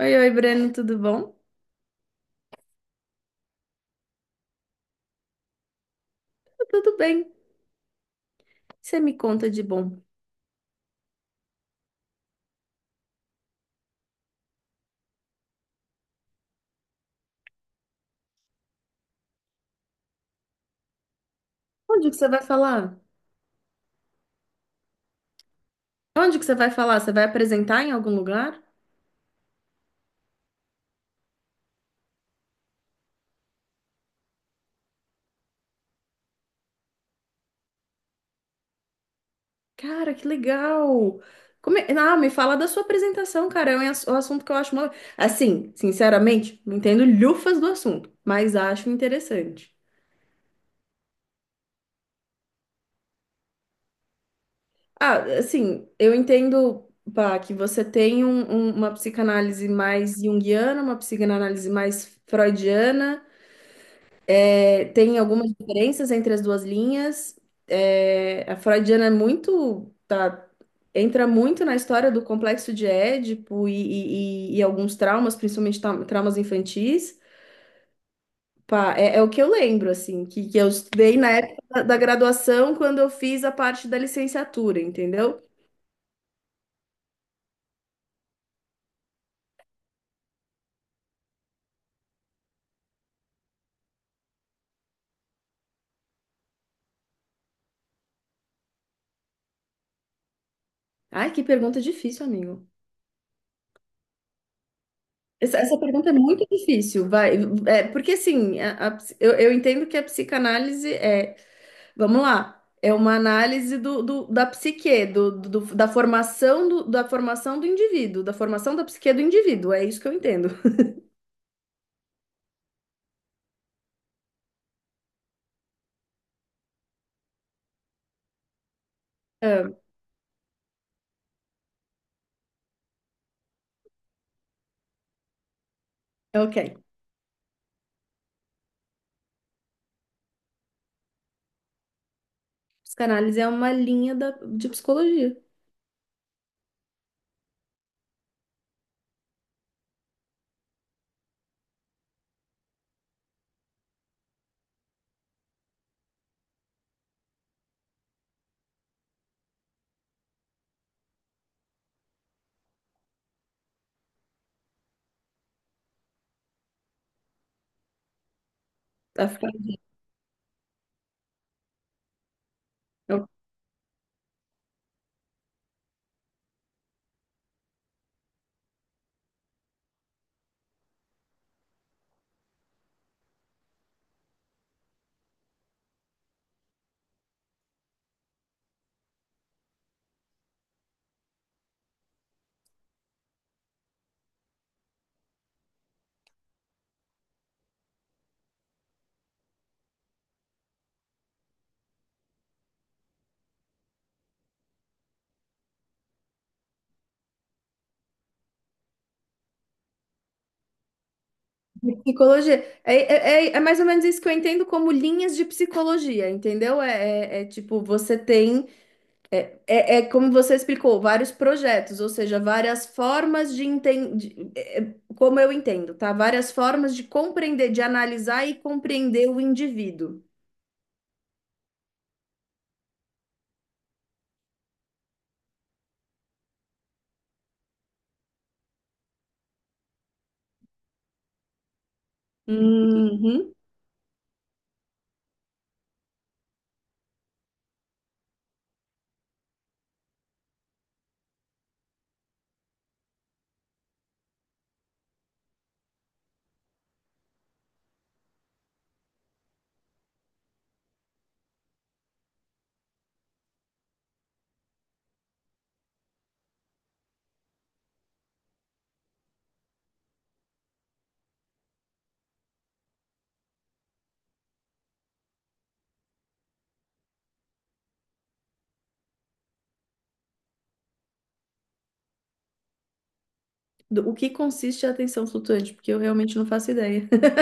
Oi, oi, Breno, tudo bom? Tá tudo bem. Você me conta de bom. Onde que você vai falar? Onde que você vai falar? Você vai apresentar em algum lugar? Cara, que legal! Ah, me fala da sua apresentação, cara. É um um assunto que eu acho... Assim, sinceramente, não entendo lhufas do assunto, mas acho interessante. Ah, assim, eu entendo, pá, que você tem uma psicanálise mais junguiana, uma psicanálise mais freudiana. Tem algumas diferenças entre as duas linhas. É, a freudiana é muito, tá, entra muito na história do complexo de Édipo e alguns traumas, principalmente traumas infantis. Pá, é, é o que eu lembro, assim, que, eu estudei na época da graduação, quando eu fiz a parte da licenciatura, entendeu? Ai, que pergunta difícil, amigo. Essa pergunta é muito difícil, vai. É, porque assim, eu entendo que a psicanálise é... Vamos lá. É uma análise da psique, da formação da formação do indivíduo, da formação da psique do indivíduo. É isso que eu entendo. É, ok. Psicanálise é uma linha de psicologia. Tá? É. Psicologia. É, é, é mais ou menos isso que eu entendo como linhas de psicologia, entendeu? É, é, é tipo, você tem... É, é como você explicou, vários projetos, ou seja, várias formas de entender, como eu entendo, tá? Várias formas de compreender, de analisar e compreender o indivíduo. Uhum. O que consiste a atenção flutuante? Porque eu realmente não faço ideia.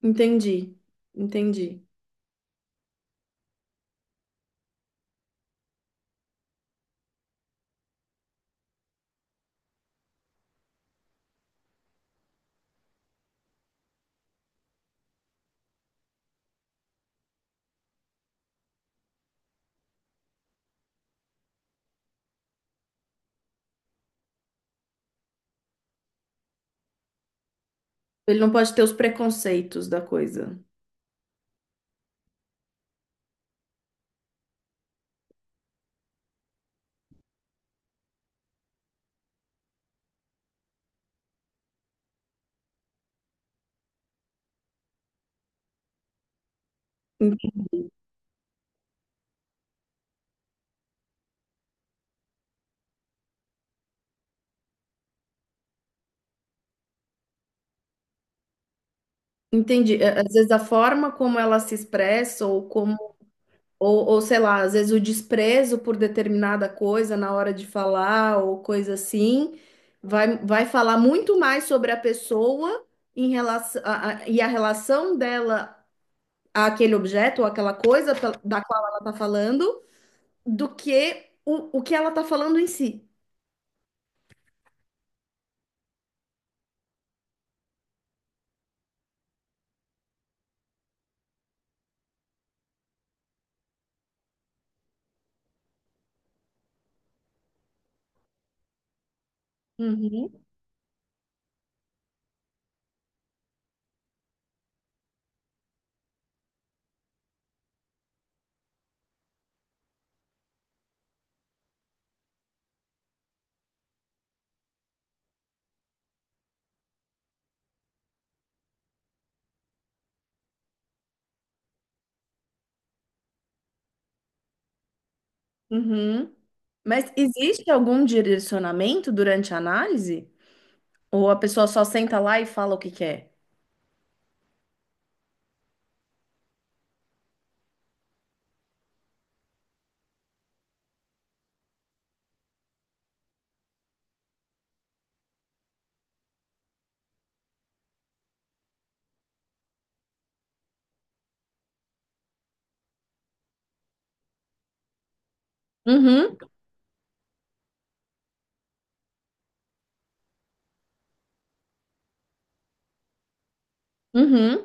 Entendi, entendi. Ele não pode ter os preconceitos da coisa. En- Entendi. É, às vezes a forma como ela se expressa ou como... ou sei lá, às vezes o desprezo por determinada coisa na hora de falar ou coisa assim, vai, vai falar muito mais sobre a pessoa em relação e a relação dela àquele objeto ou aquela coisa da qual ela está falando do que o que ela está falando em si. Uhum. Uhum. Mas existe algum direcionamento durante a análise? Ou a pessoa só senta lá e fala o que quer? Uhum, uhum.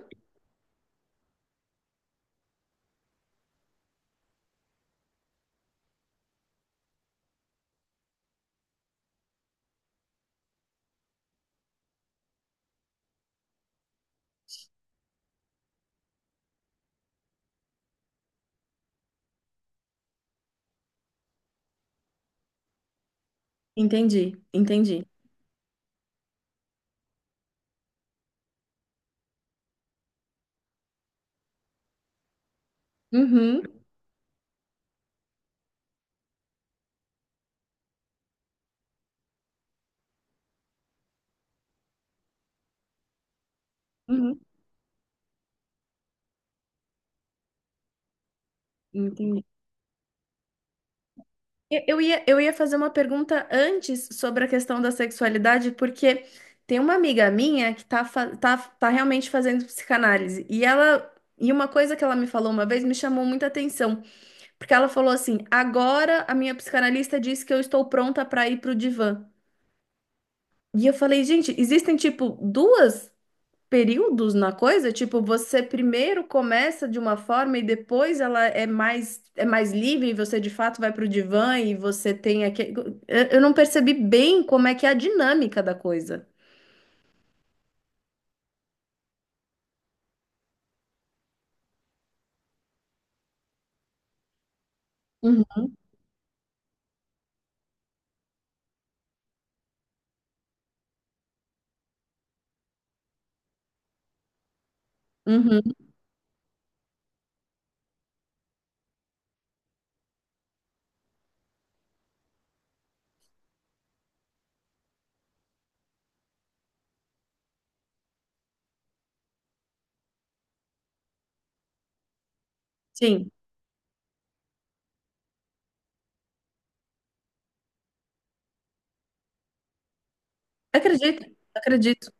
Entendi, entendi. Uhum, uhum, entendi. Eu ia fazer uma pergunta antes sobre a questão da sexualidade, porque tem uma amiga minha que tá, fa- tá, tá realmente fazendo psicanálise, e ela. E uma coisa que ela me falou uma vez me chamou muita atenção, porque ela falou assim: agora a minha psicanalista disse que eu estou pronta para ir pro divã. E eu falei, gente, existem tipo duas períodos na coisa? Tipo, você primeiro começa de uma forma e depois ela é mais livre e você de fato vai para o divã e você tem aquele... Eu não percebi bem como é que é a dinâmica da coisa. Uhum. Uhum, sim. Acredito, acredito.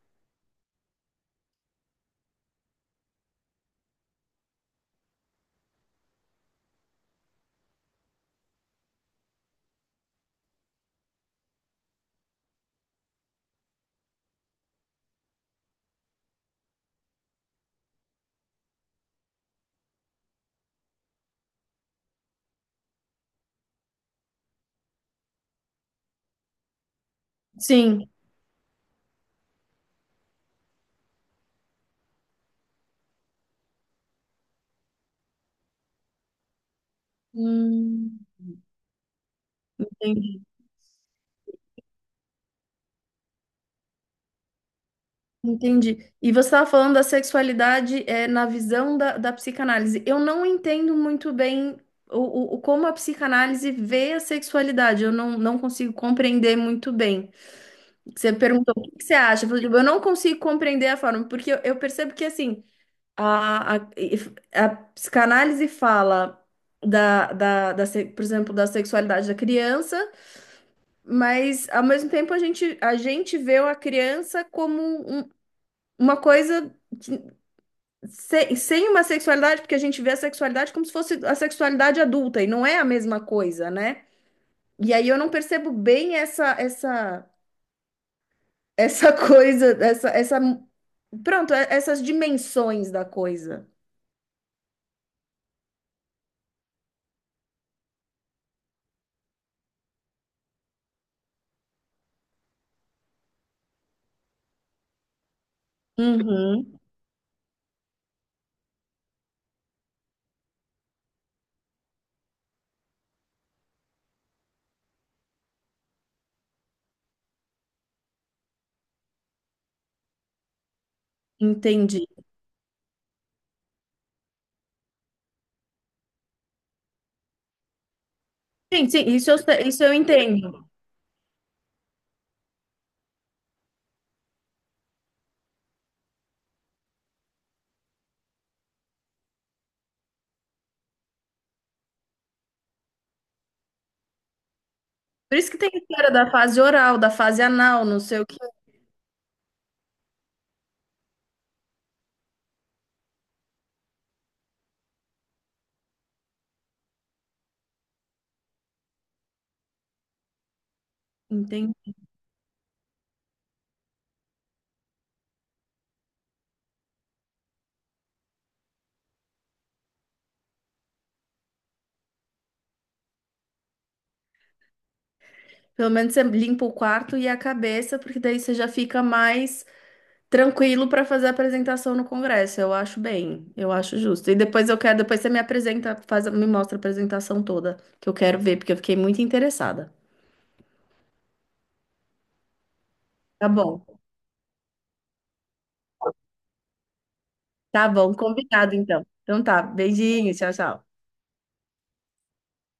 Sim. Hum. Entendi. Entendi. E você estava falando da sexualidade, é, na visão da psicanálise. Eu não entendo muito bem como a psicanálise vê a sexualidade. Eu não, não consigo compreender muito bem. Você perguntou o que que você acha. Eu falei: "Tipo, eu não consigo compreender a forma, porque eu percebo que assim a, a, a psicanálise fala da, por exemplo, da sexualidade da criança, mas ao mesmo tempo a gente vê a criança como uma coisa. Sem, sem uma sexualidade, porque a gente vê a sexualidade como se fosse a sexualidade adulta, e não é a mesma coisa, né? E aí eu não percebo bem essa coisa, pronto, essas dimensões da coisa. Uhum, entendi. Sim, sim, isso eu, isso eu entendo. Por isso que tem história da fase oral, da fase anal, não sei o que. Entende? Pelo menos você limpa o quarto e a cabeça, porque daí você já fica mais tranquilo para fazer a apresentação no Congresso. Eu acho bem, eu acho justo. E depois eu quero, depois você me apresenta, faz, me mostra a apresentação toda, que eu quero ver, porque eu fiquei muito interessada. Tá bom, tá bom, combinado então. Então tá, beijinho, tchau, tchau.